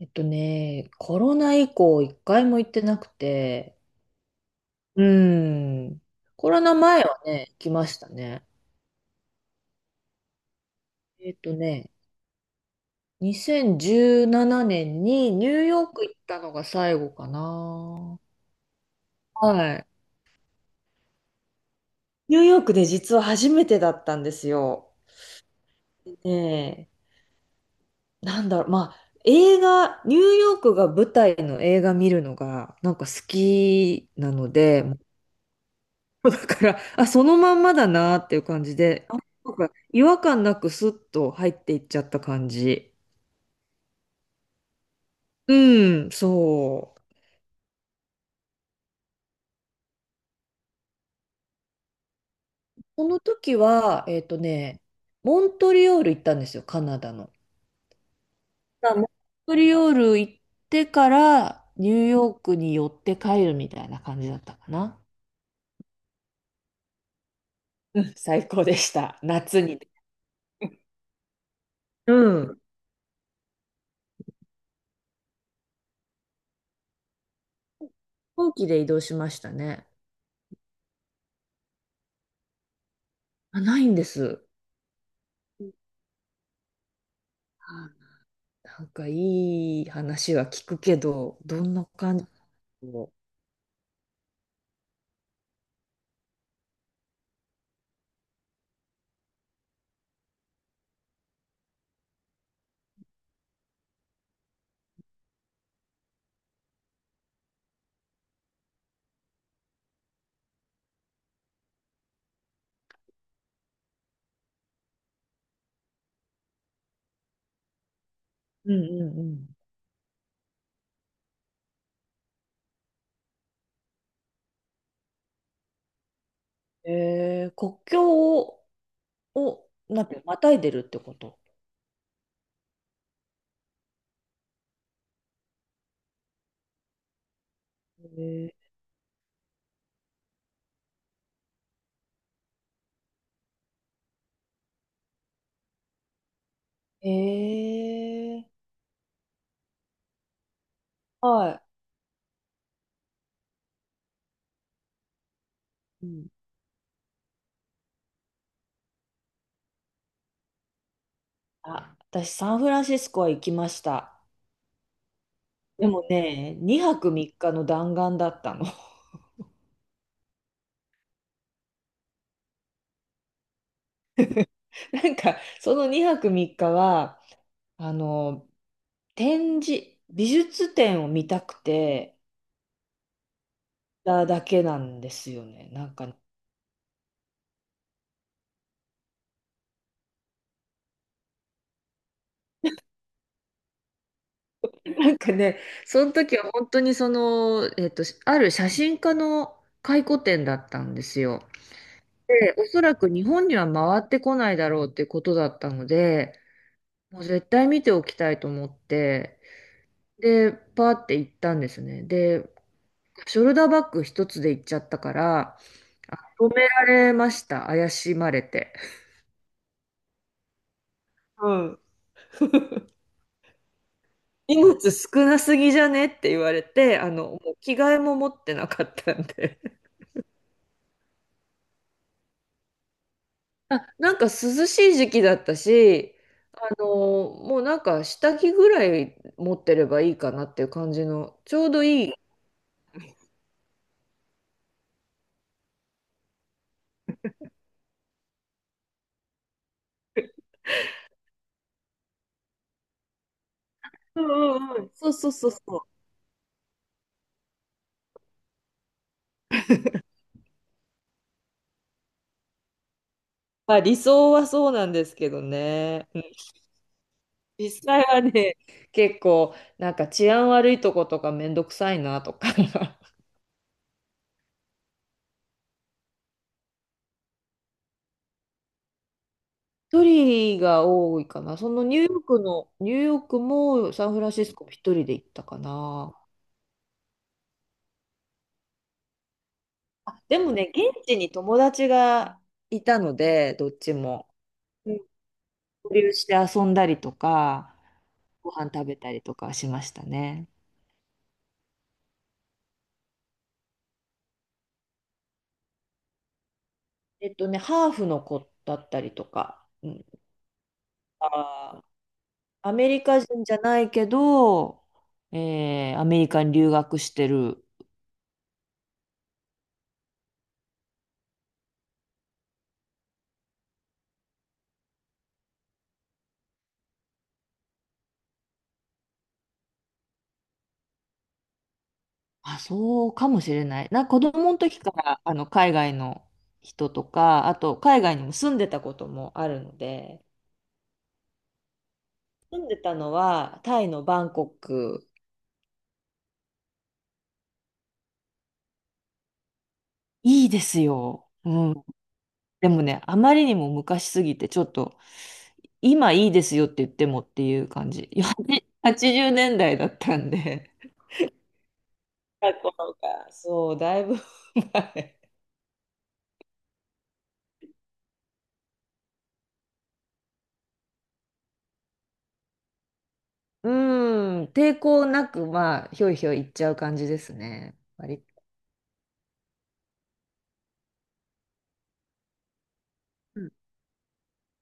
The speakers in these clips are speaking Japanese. コロナ以降一回も行ってなくて、うん、コロナ前はね、行きましたね。えっとね、2017年にニューヨーク行ったのが最後かな。はい。ニューヨークで実は初めてだったんですよ。ねえ、なんだろう、まあ、ニューヨークが舞台の映画見るのが、なんか好きなので、だから、あ、そのまんまだなっていう感じで、あ、なんか違和感なくスッと入っていっちゃった感じ。うん、そう。この時は、モントリオール行ったんですよ、カナダの。だからモントリオール行ってからニューヨークに寄って帰るみたいな感じだったかな。うん、最高でした。夏に。うん。飛行機で移動しましたね。あ、ないんです。はい。なんかいい話は聞くけど、どんな感じの？うんうんうん。国境をなんて、またいでるってこと？へえー、はい。うん。あ、私、サンフランシスコは行きました。でもね、2泊3日の弾丸だったの。なんか、その2泊3日は、あの、美術展を見たくて、だけなんですよね。なんか、なんかね、その時は本当にある写真家の回顧展だったんですよ。で、おそらく日本には回ってこないだろうってことだったので、もう絶対見ておきたいと思って、で、パーって行ったんですね。で、ショルダーバッグ一つで行っちゃったから、あ、止められました。怪しまれて。うん。荷物少なすぎじゃねって言われて、もう着替えも持ってなかったんで。あ、なんか涼しい時期だったし、もうなんか下着ぐらい持ってればいいかなっていう感じの、ちょうどいい。うんうんうん。そうそうそうそう。まあ理想はそうなんですけどね。うん、実際はね、結構なんか治安悪いとことかめんどくさいなとか。一人が多いかな。ニューヨークもサンフランシスコも一人で行ったかな。あ、でもね、現地に友達がいたので、どっちも。うん、交流して遊んだりとか、ご飯食べたりとかしましたね。ハーフの子だったりとか、うん、あー、アメリカ人じゃないけど、アメリカに留学してる。あ、そうかもしれない。子供の時からあの海外の人とか、あと海外にも住んでたこともあるので、住んでたのはタイのバンコク。いいですよ。うん。でもね、あまりにも昔すぎて、ちょっと、今いいですよって言ってもっていう感じ。80年代だいだったんで。過去が、そう、だいぶ前。うん、抵抗なく、まあ、ひょいひょい行っちゃう感じですね。割と。うん、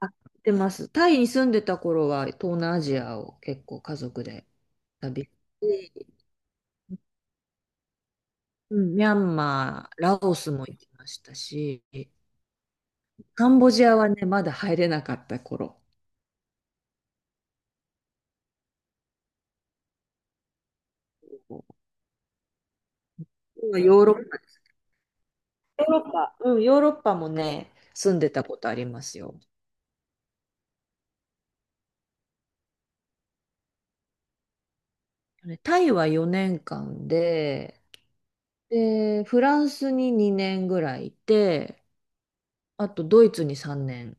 あ、行ってます。タイに住んでた頃は、東南アジアを結構家族で旅して、うん、ミャンマー、ラオスも行きましたし、カンボジアはね、まだ入れなかった頃。今ヨーロッパ、ヨーロッパ、うん、ヨーロッパもね、住んでたことありますよ。タイは4年間で、フランスに2年ぐらいいて、あとドイツに3年、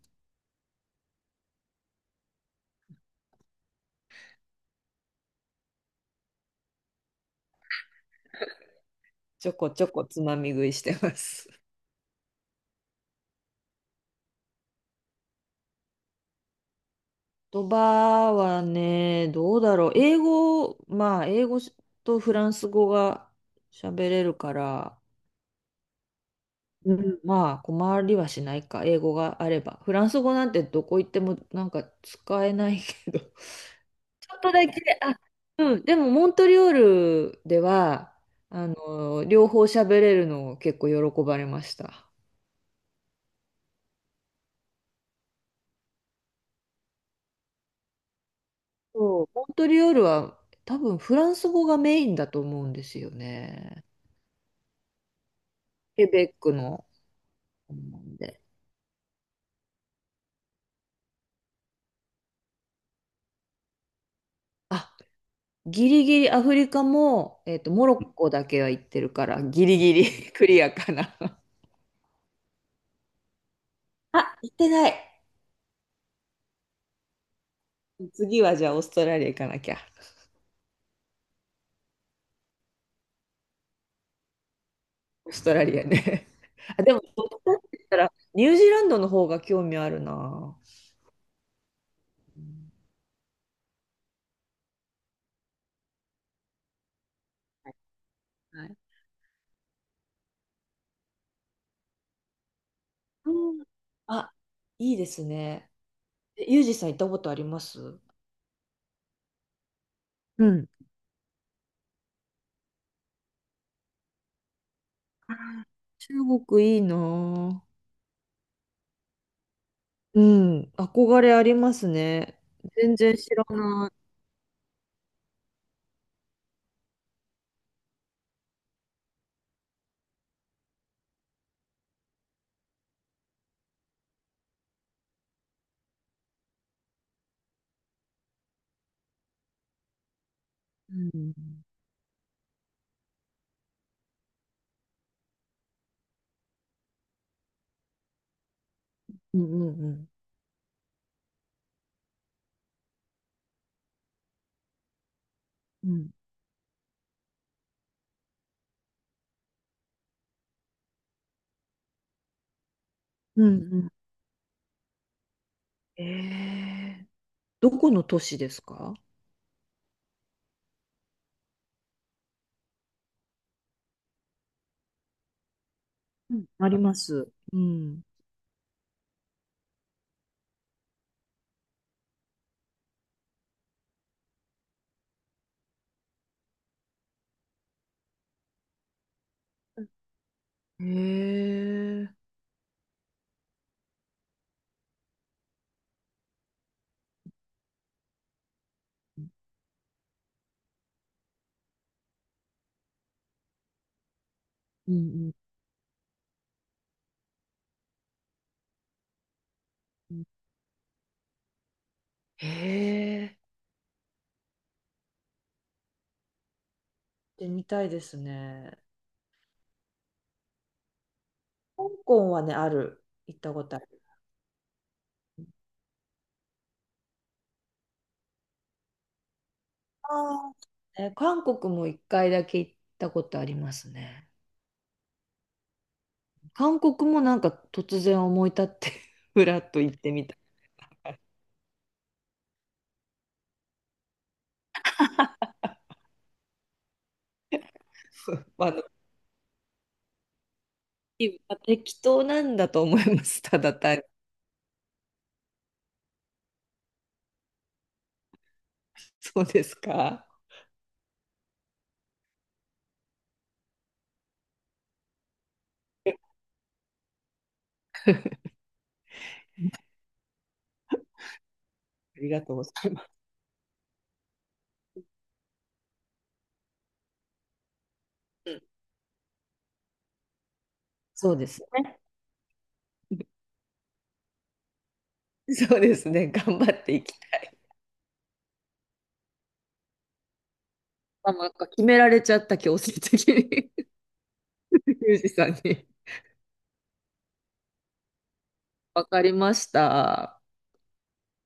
ちょこちょこつまみ食いしてます。言葉はね、どうだろう。英語とフランス語が喋れるから、うん、まあ困りはしないか、英語があれば。フランス語なんてどこ行ってもなんか使えないけど。ちょっとだけ、あ、うん、でもモントリオールでは、両方喋れるのを結構喜ばれました。そう、モントリオールは多分フランス語がメインだと思うんですよね。ケベックの。うんで、あ、ギリギリアフリカも、モロッコだけは行ってるから、ギリギリ クリアかな。あ、行ってない。次はじゃあオーストラリア行かなきゃ。オーストラリアね。あ、でも、どっちかって言ったら、ニュージーランドの方が興味あるな。うん、はい。うん、あ、いいですね。えユージさん行ったことあります？うん。あー、中国いいな。うん、憧れありますね。全然知らない。うんうんうんうんうんうんうん。えー、どこの都市ですか？うん、あります。うん。へえ。うんうん。へえ。で、見たいですね。香港はね、ある。行ったことある。あー、え、韓国も一回だけ行ったことありますね。韓国もなんか突然思い立って ふらっと行ってみた。まあ適当なんだと思います。ただ単に。そうですか。ありがとうございます。うん、そうですね。そうですね。頑張っていきたい。まあ、なんか決められちゃった、強制的に。ユージさんに。わかりました。